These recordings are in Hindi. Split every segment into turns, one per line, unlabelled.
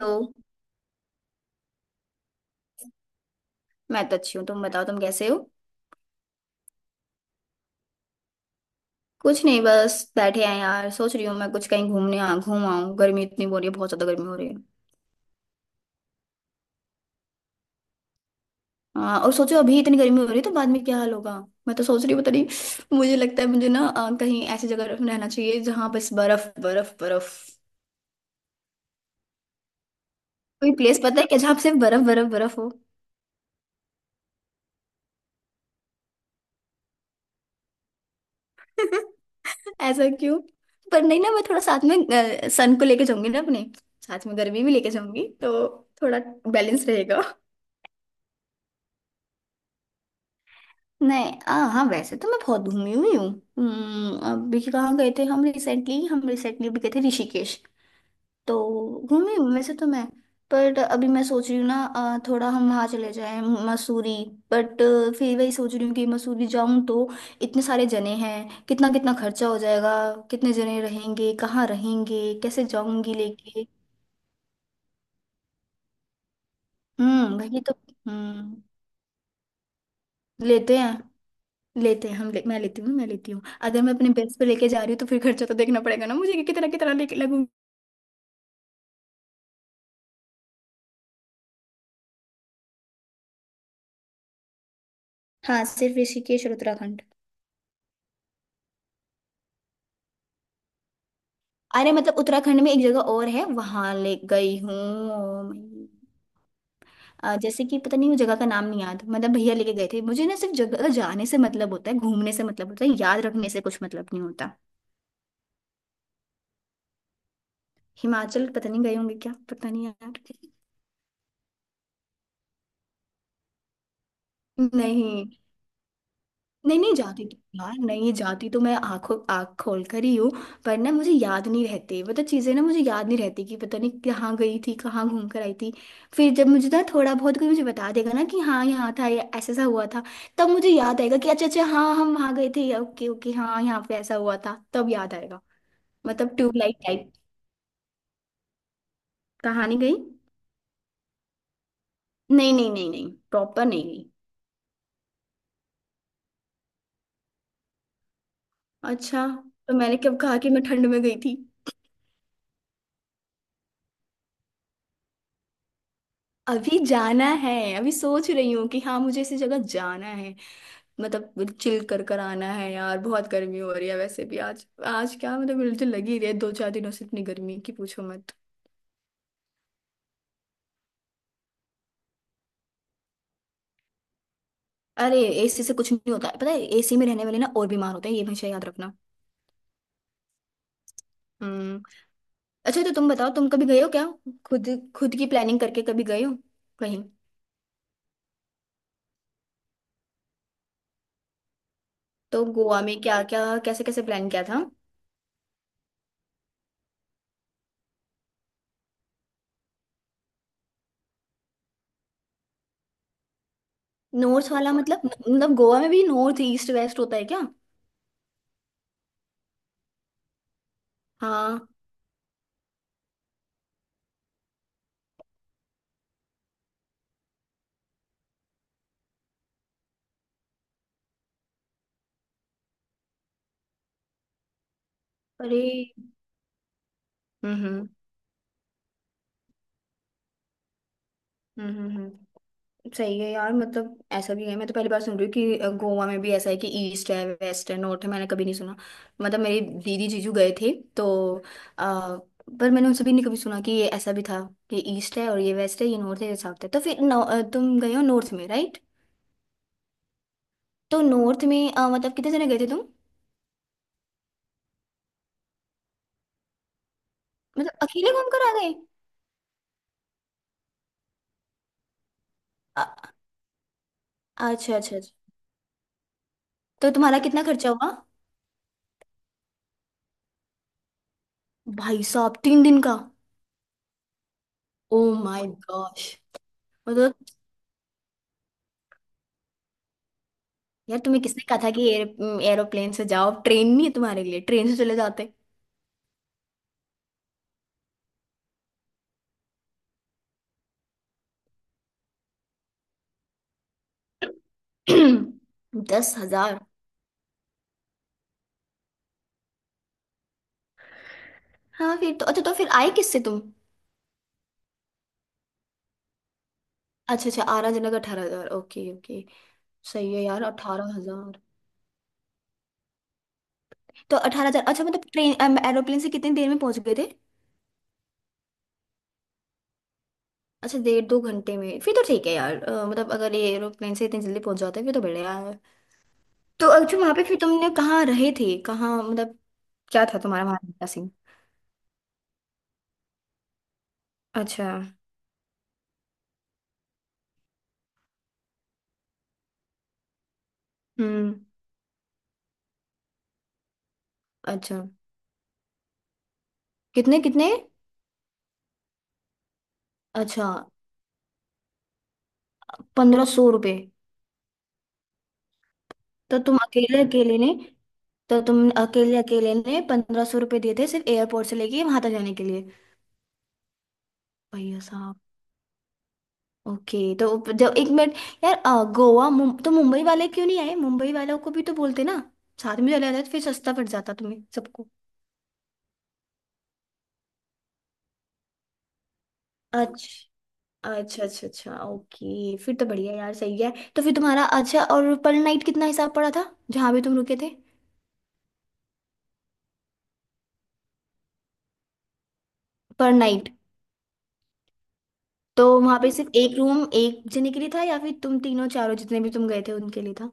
तो मैं तो अच्छी हूँ। तुम बताओ, तुम कैसे हो? कुछ नहीं, बस बैठे हैं यार। सोच रही हूँ मैं कुछ, कहीं घूमने आ घूम आऊँ। गर्मी इतनी हो रही है, बहुत ज्यादा गर्मी हो रही है। हाँ, और सोचो अभी इतनी गर्मी हो रही है तो बाद में क्या हाल होगा। मैं तो सोच रही हूँ पता नहीं। मुझे लगता है मुझे ना कहीं ऐसी जगह रहना चाहिए जहाँ बस बर्फ बर्फ बर्फ। कोई प्लेस पता है क्या जहाँ पे सिर्फ बर्फ बर्फ बर्फ हो? ऐसा क्यों? पर नहीं ना, मैं थोड़ा साथ में सन को लेके जाऊंगी ना अपने। साथ में गर्मी भी लेके जाऊंगी तो थोड़ा बैलेंस रहेगा। नहीं हाँ वैसे तो मैं बहुत घूमी हुई हूँ। अभी कहाँ गए थे हम? रिसेंटली भी गए थे ऋषिकेश तो। घूमी हूँ वैसे तो मैं। पर अभी मैं सोच रही हूँ ना थोड़ा हम वहाँ चले जाएं, मसूरी। बट फिर वही सोच रही हूँ कि मसूरी जाऊँ तो इतने सारे जने हैं, कितना कितना खर्चा हो जाएगा। कितने जने रहेंगे, कहाँ रहेंगे, कैसे जाऊंगी लेके। हम्म, वही तो। हम्म। लेते हैं, लेते हैं हम। मैं लेती हूँ, मैं लेती हूँ। अगर मैं अपने बेस्ट पे लेके जा रही हूँ तो फिर खर्चा तो देखना पड़ेगा ना मुझे कि कितना कितना लेके लगूंगी। हाँ सिर्फ ऋषिकेश और उत्तराखंड। अरे, मतलब उत्तराखंड में एक जगह और है, वहां ले गई हूँ मैं। जैसे कि पता नहीं, वो जगह का नाम नहीं याद। मतलब भैया लेके गए थे मुझे ना। सिर्फ जगह जाने से मतलब होता है, घूमने से मतलब होता है, याद रखने से कुछ मतलब नहीं होता। हिमाचल पता नहीं गए होंगे, क्या पता नहीं यार। नहीं नहीं नहीं जाती तो यार, नहीं जाती तो मैं आंख खोल कर ही हूँ। पर ना मुझे याद नहीं रहते, मतलब चीज़ें ना मुझे याद नहीं रहती कि पता नहीं कहाँ गई थी, कहाँ घूम कर आई थी। फिर जब मुझे ना थोड़ा बहुत कोई मुझे बता देगा ना कि हाँ यहाँ था या ऐसा ऐसा हुआ था, तब मुझे याद आएगा कि अच्छा अच्छा हाँ हम वहाँ गए थे, ओके ओके हाँ यहाँ पे ऐसा हुआ था, तब याद आएगा। मतलब ट्यूबलाइट टाइप कहानी गई। नहीं नहीं नहीं नहीं, प्रॉपर नहीं गई। अच्छा तो मैंने कब कहा कि मैं ठंड में गई थी? अभी जाना है। अभी सोच रही हूँ कि हाँ मुझे इसी जगह जाना है। मतलब चिल कर कर आना है यार, बहुत गर्मी हो रही है। वैसे भी आज आज क्या मतलब मुझे लगी रही है दो चार दिनों से इतनी गर्मी की, पूछो मत। अरे एसी से कुछ नहीं होता है, पता है? एसी में रहने वाले ना और बीमार होते हैं, ये हमेशा याद रखना। हम्म। अच्छा तो तुम बताओ, तुम कभी गए हो क्या खुद, खुद की प्लानिंग करके कभी गए हो कहीं? तो गोवा में क्या क्या, कैसे कैसे प्लान किया था? नॉर्थ वाला मतलब, गोवा में भी नॉर्थ ईस्ट वेस्ट होता है क्या? हाँ। अरे। हम्म हम्म हम्म। सही है यार। मतलब ऐसा भी है, मैं तो पहली बार सुन रही हूँ कि गोवा में भी ऐसा है कि ईस्ट है, वेस्ट है, नॉर्थ है, मैंने कभी नहीं सुना। मतलब मेरी दीदी जीजू गए थे तो आ, पर मैंने उनसे भी नहीं कभी सुना कि ये ऐसा भी था कि ईस्ट है और ये वेस्ट है, ये नॉर्थ है, ये साउथ है। तो फिर तुम गए हो नॉर्थ में, राइट? तो नॉर्थ में मतलब कितने जने गए थे तुम? मतलब अकेले घूम कर आ गए? अ- अच्छा अच्छा अच्छा। तो तुम्हारा कितना खर्चा हुआ? भाई साहब, 3 दिन का! Oh my gosh. मतलब यार तुम्हें किसने कहा था कि एयर एरोप्लेन से जाओ? ट्रेन नहीं है तुम्हारे लिए? ट्रेन से चले जाते। 10 हजार! हाँ फिर तो अच्छा। तो फिर आए किससे तुम? अच्छा अच्छा, आरा जनक 18 हजार, ओके ओके। सही है यार, 18 हजार। तो 18 हजार, अच्छा मतलब ट्रेन एरोप्लेन से कितनी देर में पहुंच गए थे? अच्छा डेढ़ दो घंटे में, फिर तो ठीक है यार। मतलब अगर ये एरोप्लेन से इतनी जल्दी पहुंच जाते हैं फिर तो बढ़िया है। तो अच्छा वहां पे फिर तुमने कहाँ रहे थे, कहाँ मतलब क्या था तुम्हारा वहां का सीन? अच्छा। हम्म। अच्छा। कितने कितने? अच्छा, 1500 रुपये! तो तुम अकेले अकेले ने? तो तुम अकेले अकेले ने 1500 रुपये दिए थे सिर्फ एयरपोर्ट से लेके वहां तक जाने के लिए? भैया साहब। ओके तो जब, एक मिनट। यार गोवा तो मुंबई वाले क्यों नहीं आए? मुंबई वालों को भी तो बोलते ना, साथ में चले जाते तो फिर सस्ता पड़ जाता तुम्हें सबको। अच्छा अच्छा अच्छा। अच्छा ओके, फिर तो बढ़िया यार, सही है। तो फिर तुम्हारा अच्छा, और पर नाइट कितना हिसाब पड़ा था जहां भी तुम रुके थे? पर नाइट? तो वहां पे सिर्फ एक रूम एक जने के लिए था या फिर तुम तीनों चारों जितने भी तुम गए थे उनके लिए था?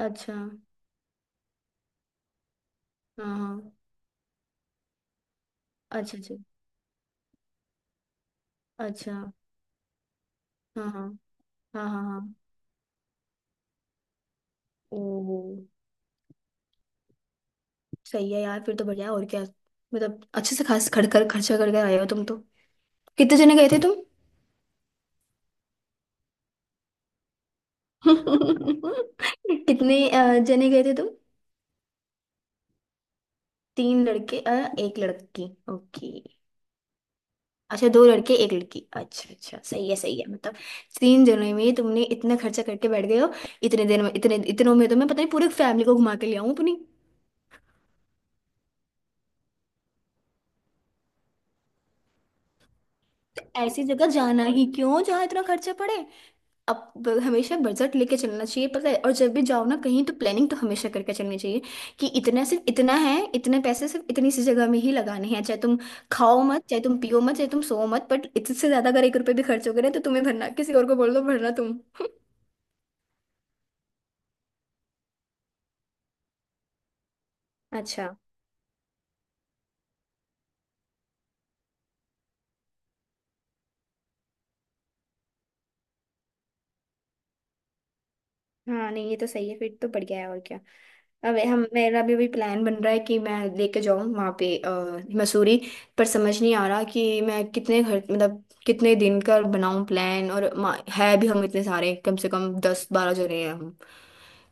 अच्छा। हाँ हाँ। अच्छा अच्छा। अच्छा हाँ हाँ हाँ। हाँ हाँ। ओ, सही है यार, फिर तो बढ़िया है। और क्या, मतलब अच्छे से खास खड़ कर खर्चा करके आए हो तुम तो। कितने जने गए थे तुम? कितने जने गए थे तुम? तीन लड़के एक लड़की, ओके। अच्छा दो लड़के एक लड़की, अच्छा अच्छा, सही है मतलब। तीन जनों में तुमने इतना खर्चा करके बैठ गए हो। इतने दिन में, इतने इतनों में तो मैं पता नहीं पूरे फैमिली को घुमा के ले आऊं अपनी। तो ऐसी जगह जाना ही क्यों जहाँ इतना खर्चा पड़े? अब हमेशा बजट लेके चलना चाहिए, पता है? और जब भी जाओ ना कहीं, तो प्लानिंग तो हमेशा करके चलनी चाहिए कि इतना, सिर्फ इतना है, इतने पैसे सिर्फ इतनी सी जगह में ही लगाने हैं। चाहे तुम खाओ मत, चाहे तुम पियो मत, चाहे तुम सो मत, बट इससे ज्यादा अगर एक रुपये भी खर्च हो गए ना तो तुम्हें भरना, किसी और को बोल दो भरना तुम। अच्छा हाँ नहीं, ये तो सही है, फिर तो बढ़िया है। और क्या। अब हम, मेरा भी अभी प्लान बन रहा है कि मैं लेके जाऊँ वहाँ पे मसूरी। पर समझ नहीं आ रहा कि मैं कितने घर, मतलब कितने दिन का बनाऊँ प्लान, और है भी हम इतने सारे, कम से कम 10-12 जने हैं हम।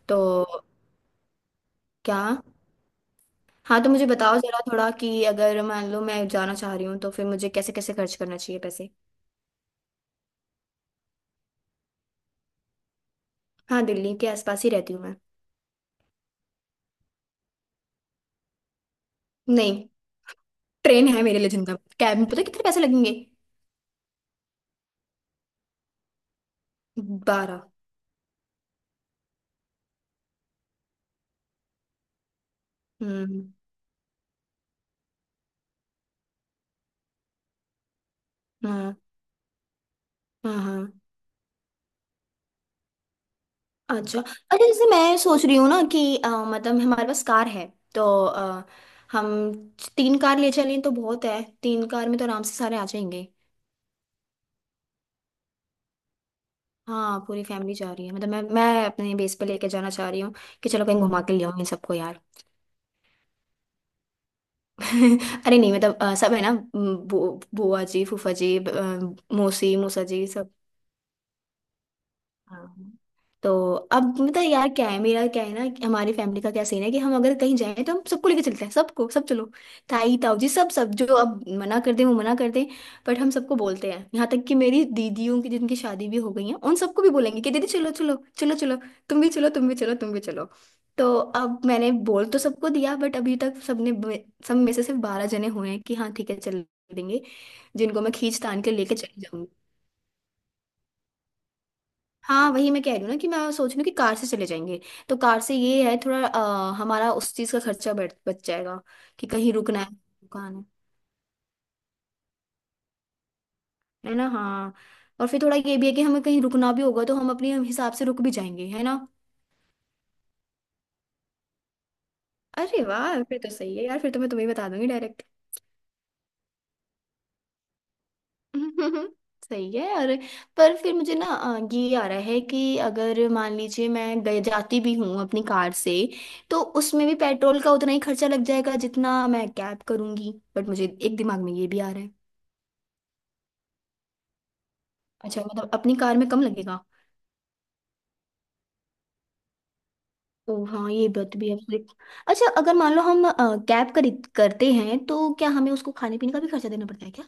तो क्या? हाँ तो मुझे बताओ जरा थोड़ा कि अगर मान लो मैं जाना चाह रही हूँ तो फिर मुझे कैसे कैसे खर्च करना चाहिए पैसे? हाँ, दिल्ली के आसपास ही रहती हूँ मैं। नहीं, ट्रेन है मेरे लिए जिंदा। कैब में पता कितने पैसे लगेंगे? बारह। हम्म। हाँ हाँ हाँ। अच्छा अच्छा। जैसे मैं सोच रही हूँ ना कि मतलब हमारे पास कार है तो हम तीन कार ले चलें तो बहुत है, तीन कार में तो आराम से सारे आ जाएंगे। हाँ पूरी फैमिली जा रही है, मतलब मैं अपने बेस पे लेके जाना चाह रही हूँ कि चलो कहीं घुमा के ले आऊँ इन सबको यार। अरे नहीं, मतलब सब है ना, बुआ जी, फूफा जी, मौसी मौसा जी। हाँ। तो अब मतलब यार क्या है मेरा, क्या है ना कि हमारी फैमिली का क्या सीन है कि हम अगर कहीं जाएं तो हम सबको लेके चलते हैं। सबको, सब चलो, ताई ताऊ जी, सब सब। जो अब मना कर दें वो मना कर दें, बट हम सबको बोलते हैं। यहाँ तक कि मेरी दीदियों की, जिनकी शादी भी हो गई है, उन सबको भी बोलेंगे कि दीदी चलो चलो चलो चलो, तुम भी चलो, तुम भी चलो, तुम भी चलो। तो अब मैंने बोल तो सबको दिया, बट अभी तक सबने, सब में से सिर्फ 12 जने हुए हैं कि हाँ ठीक है चल देंगे। जिनको मैं खींच तान के लेके चली जाऊंगी। हाँ वही मैं कह रही हूँ ना कि मैं सोच रही हूँ कि कार से चले जाएंगे। तो कार से ये है थोड़ा हमारा उस चीज़ का खर्चा बच बच जाएगा कि कहीं रुकना है, दुकान है ना? हाँ। और फिर थोड़ा ये भी है कि हमें कहीं रुकना भी होगा तो हम अपने हिसाब से रुक भी जाएंगे, है ना? अरे वाह, फिर तो सही है यार, फिर तो मैं तुम्हें बता दूंगी। हम्म, सही है। और पर फिर मुझे ना ये आ रहा है कि अगर मान लीजिए मैं गए जाती भी हूँ अपनी कार से, तो उसमें भी पेट्रोल का उतना ही खर्चा लग जाएगा जितना मैं कैब करूंगी। बट मुझे एक, दिमाग में ये भी आ रहा है। अच्छा मतलब अपनी कार में कम लगेगा? ओ हाँ, ये बात भी है। अच्छा अगर मान लो हम कैब खरीद करते हैं तो क्या हमें उसको खाने पीने का भी खर्चा देना पड़ता है क्या?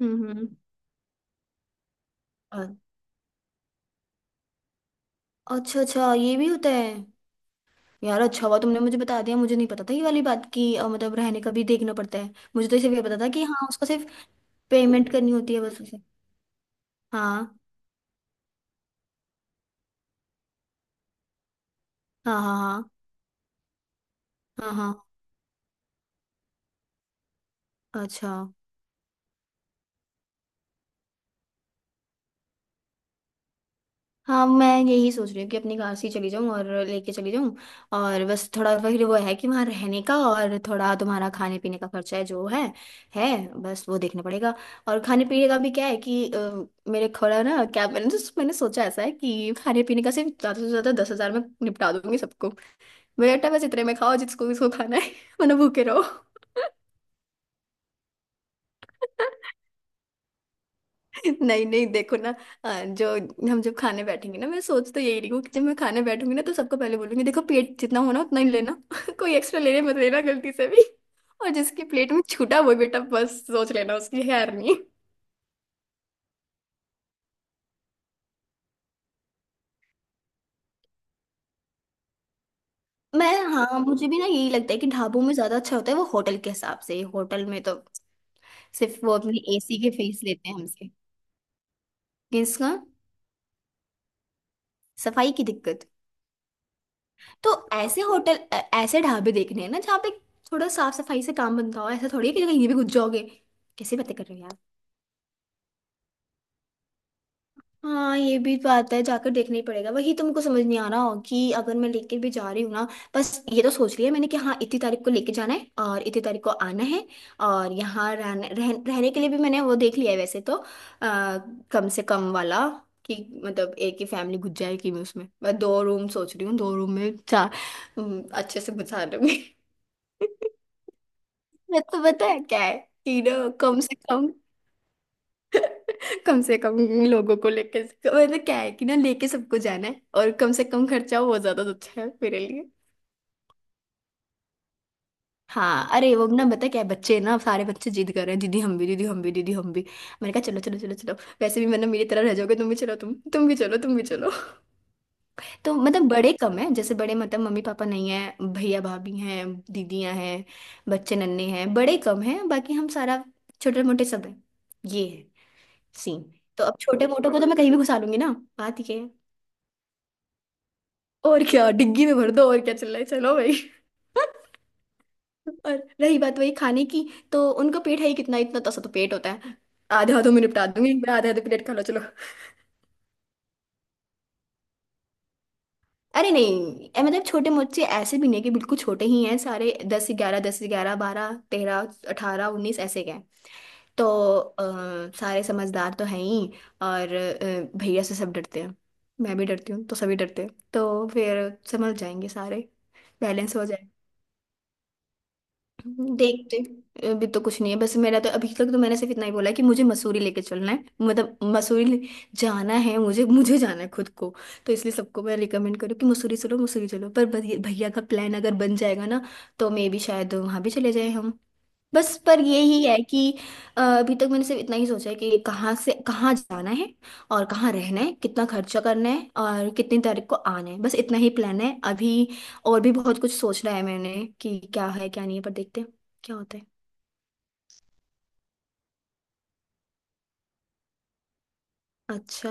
हम्म। अ- अच्छा अच्छा, ये भी होता है। यार अच्छा हुआ तुमने मुझे बता दिया, मुझे नहीं पता था ये वाली बात की मतलब रहने का भी देखना पड़ता है। मुझे तो सिर्फ ये पता था कि हाँ, उसको सिर्फ पेमेंट करनी होती है बस उसे। हाँ, हाँ, हाँ, हाँ, हाँ, हाँ। अच्छा। हाँ, मैं यही सोच रही हूँ कि अपनी कार से ही चली जाऊँ और लेके चली जाऊँ। और बस थोड़ा फिर वो है कि वहाँ रहने का और थोड़ा तुम्हारा खाने पीने का खर्चा है जो है, बस वो देखना पड़ेगा। और खाने पीने का भी क्या है कि मेरे थोड़ा ना क्या मैंने मैंने सोचा ऐसा है कि खाने पीने का सिर्फ ज़्यादा से ज़्यादा 10,000 में निपटा दूंगी सबको। बेटा बस इतने में खाओ जिसको जिसको खाना है वरना भूखे रहो। नहीं नहीं, देखो ना जो हम जब खाने बैठेंगे ना, मैं सोच तो यही रही हूँ कि जब मैं खाने बैठूंगी ना तो सबको पहले बोलूंगी, देखो पेट जितना होना उतना ही लेना कोई एक्स्ट्रा लेने मत लेना गलती से भी। और जिसकी प्लेट में छूटा वो बेटा बस सोच लेना उसकी खैर नहीं। मैं, हाँ मुझे भी ना यही लगता है कि ढाबों में ज्यादा अच्छा होता है वो होटल के हिसाब से, होटल में तो सिर्फ वो अपनी एसी के फीस लेते हैं हमसे। किसका? सफाई की दिक्कत? तो ऐसे होटल ऐसे ढाबे देखने हैं ना जहाँ पे थोड़ा साफ सफाई से काम बनता हो, ऐसा थोड़ी है कि कहीं भी घुस जाओगे। कैसे बातें कर रहे हो यार। हाँ, ये भी बात है, जाकर देखना ही पड़ेगा वही, तुमको समझ नहीं आ रहा हो कि अगर मैं लेके भी जा रही हूँ ना। बस ये तो सोच लिया मैंने कि हाँ, इतनी तारीख को लेके जाना है और इतनी तारीख को आना है। और यहाँ रहने के लिए भी मैंने वो देख लिया है वैसे तो, आ, कम से कम वाला, कि मतलब एक ही फैमिली घुस जाएगी, मैं उसमें मैं 2 रूम सोच रही हूँ, 2 रूम में चार। अच्छे से घुसा दूंगी मैं तो पता है क्या है कि ना कम से कम, कम से कम लोगों को लेके, मतलब क्या है कि ना लेके सबको जाना है और कम से कम खर्चा हो वो ज्यादा अच्छा है मेरे लिए। हाँ, अरे वो ना पता है क्या है, बच्चे ना सारे बच्चे जिद कर रहे हैं, दीदी हम भी दीदी हम भी दीदी हम भी। मैंने कहा चलो चलो चलो चलो। वैसे भी मतलब मेरी तरह रह जाओगे, तुम भी चलो, तुम भी चलो तुम भी चलो। तो मतलब बड़े कम है, जैसे बड़े मतलब मम्मी पापा नहीं है, भैया भाभी हैं, दीदियां हैं, बच्चे नन्हे हैं, बड़े कम हैं, बाकी हम सारा छोटे मोटे सब हैं। ये है सीन। तो अब छोटे मोटों को तो मैं कहीं भी घुसा लूंगी ना, बात ये है। और क्या, डिग्गी में भर दो और क्या, चल रहा है चलो भाई। और रही बात वही खाने की, तो उनका पेट है ही कितना, इतना तसा तो पेट होता है, आधे हाथों में निपटा दूंगी मैं, आधे आधे प्लेट खा लो चलो। अरे नहीं मतलब छोटे मोचे ऐसे भी नहीं कि बिल्कुल छोटे ही हैं सारे, 10 11, 10 11, 12 13, 18 19 ऐसे के हैं। तो अ, सारे समझदार तो हैं ही। और भैया से सब डरते हैं, मैं भी डरती हूँ तो सभी डरते हैं, तो फिर समझ जाएंगे सारे, बैलेंस हो। देखते। अभी तो कुछ नहीं है, बस मेरा तो अभी तक तो मैंने सिर्फ इतना ही बोला है कि मुझे मसूरी लेके चलना है, मतलब मसूरी जाना है मुझे, मुझे जाना है खुद को। तो इसलिए सबको मैं रिकमेंड करूँ कि मसूरी चलो मसूरी चलो, पर भैया, भैया का प्लान अगर बन जाएगा ना तो मे भी शायद वहाँ भी चले जाए हम। बस पर यही है कि अभी तक मैंने सिर्फ इतना ही सोचा है कि कहाँ से कहाँ जाना है और कहाँ रहना है, कितना खर्चा करना है और कितनी तारीख को आना है, बस इतना ही प्लान है अभी। और भी बहुत कुछ सोचना है मैंने कि क्या है क्या नहीं है, पर देखते हैं क्या होता है। अच्छा।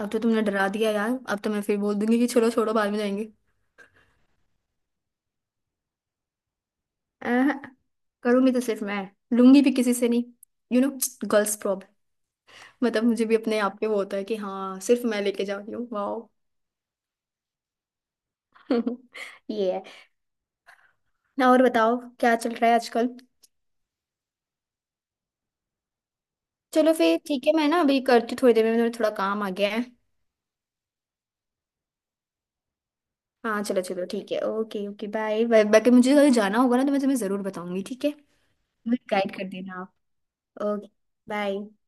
अब तो तुमने डरा दिया यार, अब तो मैं फिर बोल दूंगी कि छोड़ो छोड़ो बाद में जाएंगे। अह, करूंगी तो सिर्फ मैं, लूंगी भी किसी से नहीं, यू नो, गर्ल्स प्रॉब्लम। मतलब मुझे भी अपने आप पे वो होता है कि हाँ, सिर्फ मैं लेके जा रही हूँ, वाओ। ये है। और बताओ क्या चल रहा है आजकल। चलो फिर ठीक है, मैं ना अभी करती हूँ, थोड़ी देर में मेरे थोड़ा काम आ गया है। हाँ चलो चलो ठीक है, ओके ओके, बाय, बाकी मुझे कहीं जाना होगा ना तो मैं तुम्हें ज़रूर बताऊंगी ठीक है। मुझे गाइड कर देना आप। Okay bye.